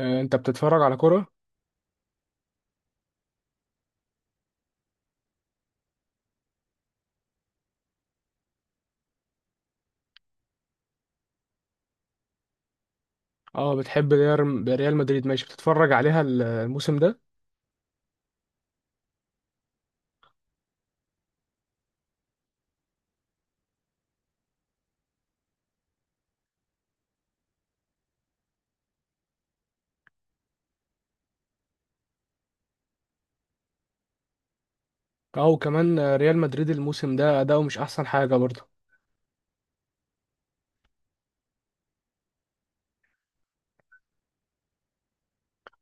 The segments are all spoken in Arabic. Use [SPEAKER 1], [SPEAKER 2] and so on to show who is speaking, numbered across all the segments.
[SPEAKER 1] انت بتتفرج على كرة؟ اه، بتحب ريال مدريد، ماشي. بتتفرج عليها الموسم ده؟ اه، وكمان ريال مدريد الموسم ده اداؤه مش احسن حاجة برضه.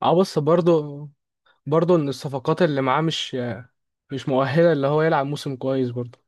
[SPEAKER 1] اه، بس برضه ان الصفقات اللي معاه مش مؤهلة اللي هو يلعب موسم كويس برضه.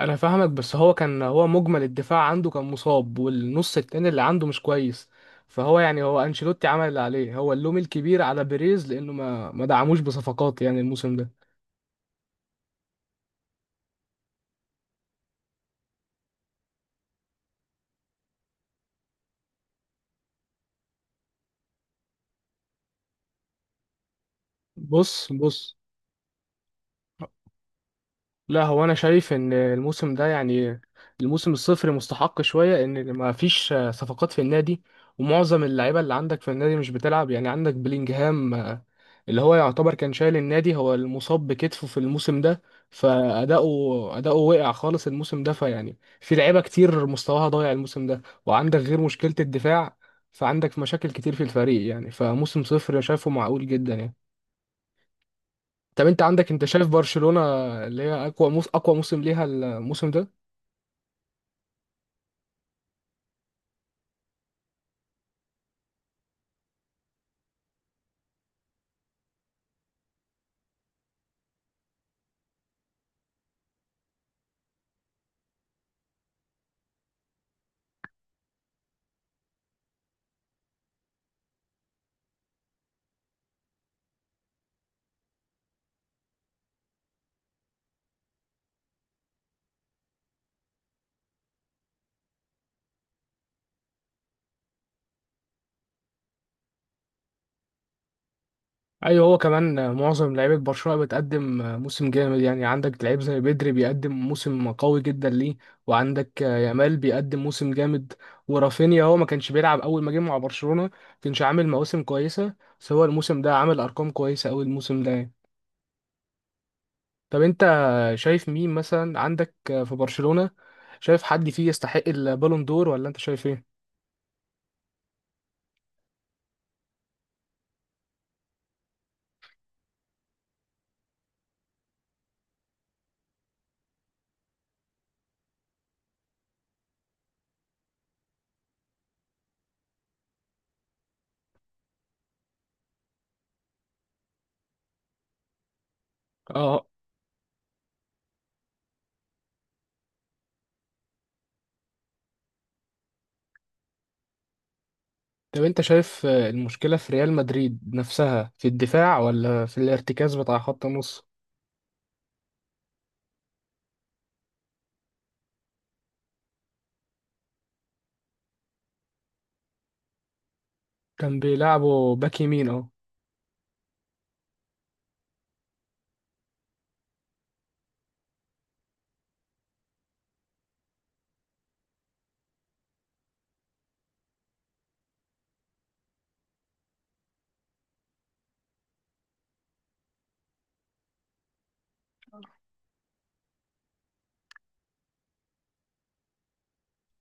[SPEAKER 1] انا فاهمك، بس هو كان هو مجمل الدفاع عنده كان مصاب، والنص التاني اللي عنده مش كويس. فهو يعني هو انشيلوتي عمل اللي عليه، هو اللوم الكبير على بيريز لانه ما دعموش بصفقات يعني الموسم ده. بص بص، لا هو انا شايف ان الموسم ده يعني الموسم الصفر مستحق شويه، ان ما فيش صفقات في النادي ومعظم اللعيبه اللي عندك في النادي مش بتلعب. يعني عندك بلينجهام، اللي هو يعتبر كان شايل النادي، هو المصاب بكتفه في الموسم ده، فاداؤه وقع خالص الموسم ده. فيعني في لعيبه كتير مستواها ضايع الموسم ده، وعندك غير مشكله الدفاع، فعندك مشاكل كتير في الفريق. يعني فموسم صفر شايفه معقول جدا يعني. طب انت عندك، انت شايف برشلونة اللي هي اقوى موسم ليها الموسم ده؟ ايوه، هو كمان معظم لعيبه برشلونة بتقدم موسم جامد، يعني عندك لعيب زي بدري بيقدم موسم قوي جدا ليه، وعندك يامال بيقدم موسم جامد ورافينيا. هو ما كانش بيلعب اول ما جه مع برشلونة، ما كانش عامل مواسم كويسه، بس هو الموسم ده عامل ارقام كويسه قوي الموسم ده يعني. طب انت شايف مين مثلا عندك في برشلونة، شايف حد فيه يستحق البالون دور ولا انت شايف ايه؟ اه، طب انت شايف المشكلة في ريال مدريد نفسها في الدفاع ولا في الارتكاز بتاع خط النص؟ كان بيلعبوا باك يمين اهو.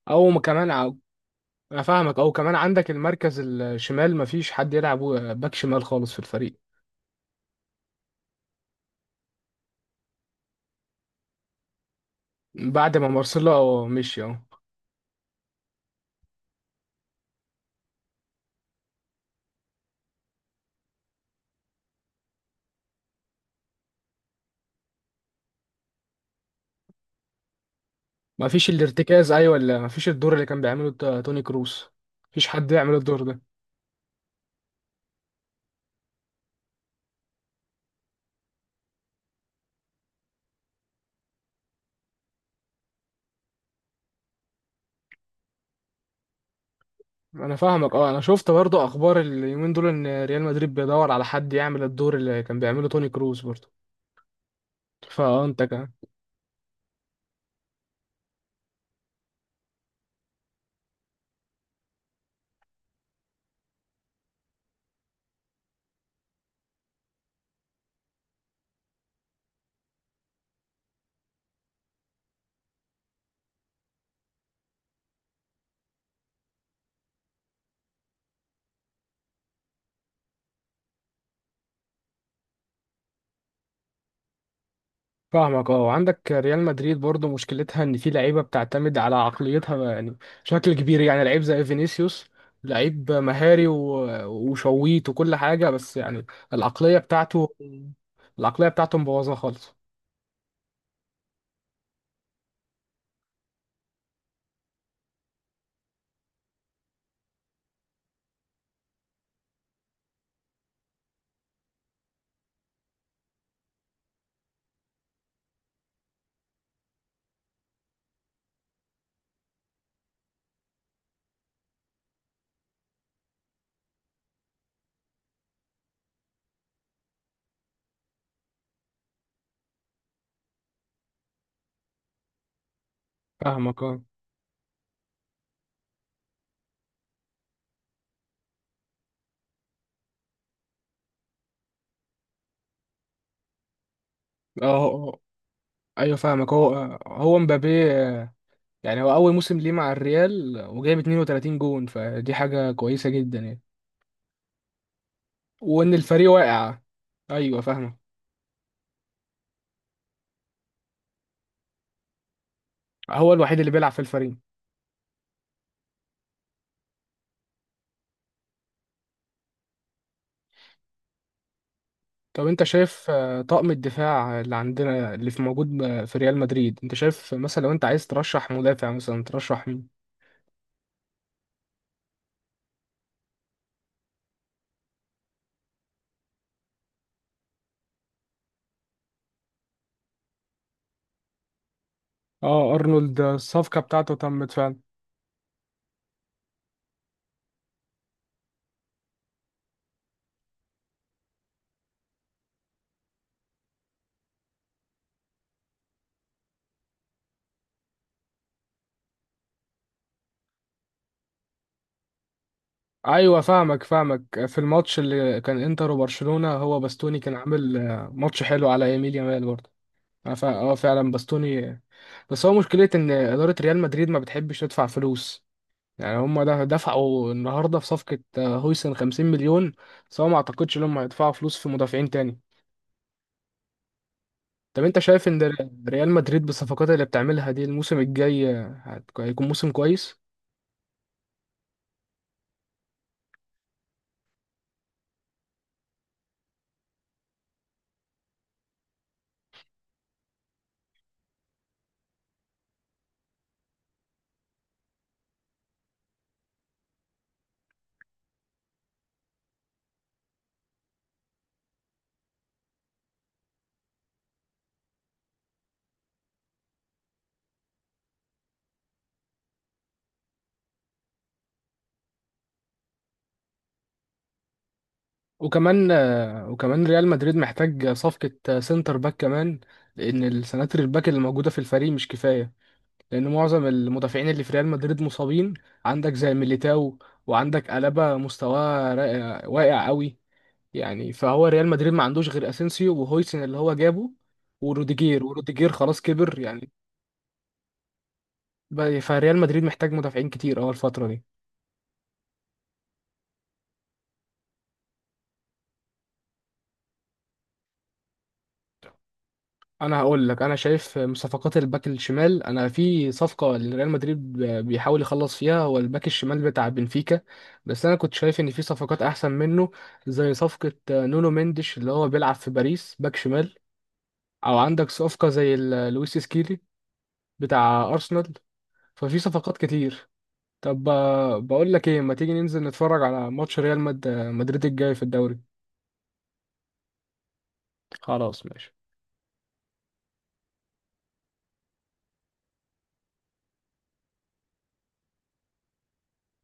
[SPEAKER 1] او ما كمان او، انا فاهمك، او كمان عندك المركز الشمال مفيش حد يلعب باك شمال خالص في الفريق بعد ما مارسيلو مشي اهو. مفيش الارتكاز ايوه، ولا مفيش الدور اللي كان بيعمله توني كروس، مفيش حد يعمل الدور ده. انا فاهمك، اه، انا شفت برضو اخبار اليومين دول ان ريال مدريد بيدور على حد يعمل الدور اللي كان بيعمله توني كروس برضو. فانت فاهمك، اه، وعندك ريال مدريد برضو مشكلتها ان في لعيبه بتعتمد على عقليتها يعني، بشكل كبير، يعني لعيب زي فينيسيوس، لعيب مهاري وشويت وكل حاجه بس يعني، العقليه بتاعته العقليه بتاعته مبوظه خالص. فاهمك، اه. اه. اه. ايوه فاهمك، هو مبابي، يعني هو اول موسم ليه مع الريال وجايب 32 جون، فدي حاجه كويسه جدا يعني. وان الفريق واقع، ايوه فاهمك، هو الوحيد اللي بيلعب في الفريق. طب انت شايف طقم الدفاع اللي عندنا اللي في موجود في ريال مدريد، انت شايف مثلا لو انت عايز ترشح مدافع، مثلا ترشح مين؟ اه، ارنولد، الصفقة بتاعته تمت فعلا. ايوه فاهمك، في الماتش اللي كان انتر وبرشلونة هو باستوني كان عامل ماتش حلو على يميل يامال برضه. اه فعلا باستوني. بس هو مشكلة ان ادارة ريال مدريد ما بتحبش تدفع فلوس. يعني هم ده دفعوا النهارده في صفقة هويسن 50 مليون، بس هو ما اعتقدش انهم هيدفعوا فلوس في مدافعين تاني. طب انت شايف ان ريال مدريد بالصفقات اللي بتعملها دي الموسم الجاي هيكون موسم كويس؟ وكمان وكمان ريال مدريد محتاج صفقة سنتر باك كمان، لان السناتر الباك اللي موجودة في الفريق مش كفاية، لان معظم المدافعين اللي في ريال مدريد مصابين. عندك زي ميليتاو، وعندك ألابا مستواه واقع قوي يعني، فهو ريال مدريد ما عندوش غير اسينسيو وهويسن اللي هو جابه وروديجير. وروديجير خلاص كبر يعني، فريال مدريد محتاج مدافعين كتير اول الفترة دي. انا هقول لك، انا شايف من صفقات الباك الشمال، انا في صفقه لريال مدريد بيحاول يخلص فيها هو الباك الشمال بتاع بنفيكا، بس انا كنت شايف ان في صفقات احسن منه، زي صفقه نونو مندش اللي هو بيلعب في باريس باك شمال، او عندك صفقه زي لويس سكيلي بتاع ارسنال. ففي صفقات كتير. طب بقول لك ايه، ما تيجي ننزل نتفرج على ماتش ريال مدريد الجاي في الدوري؟ خلاص ماشي.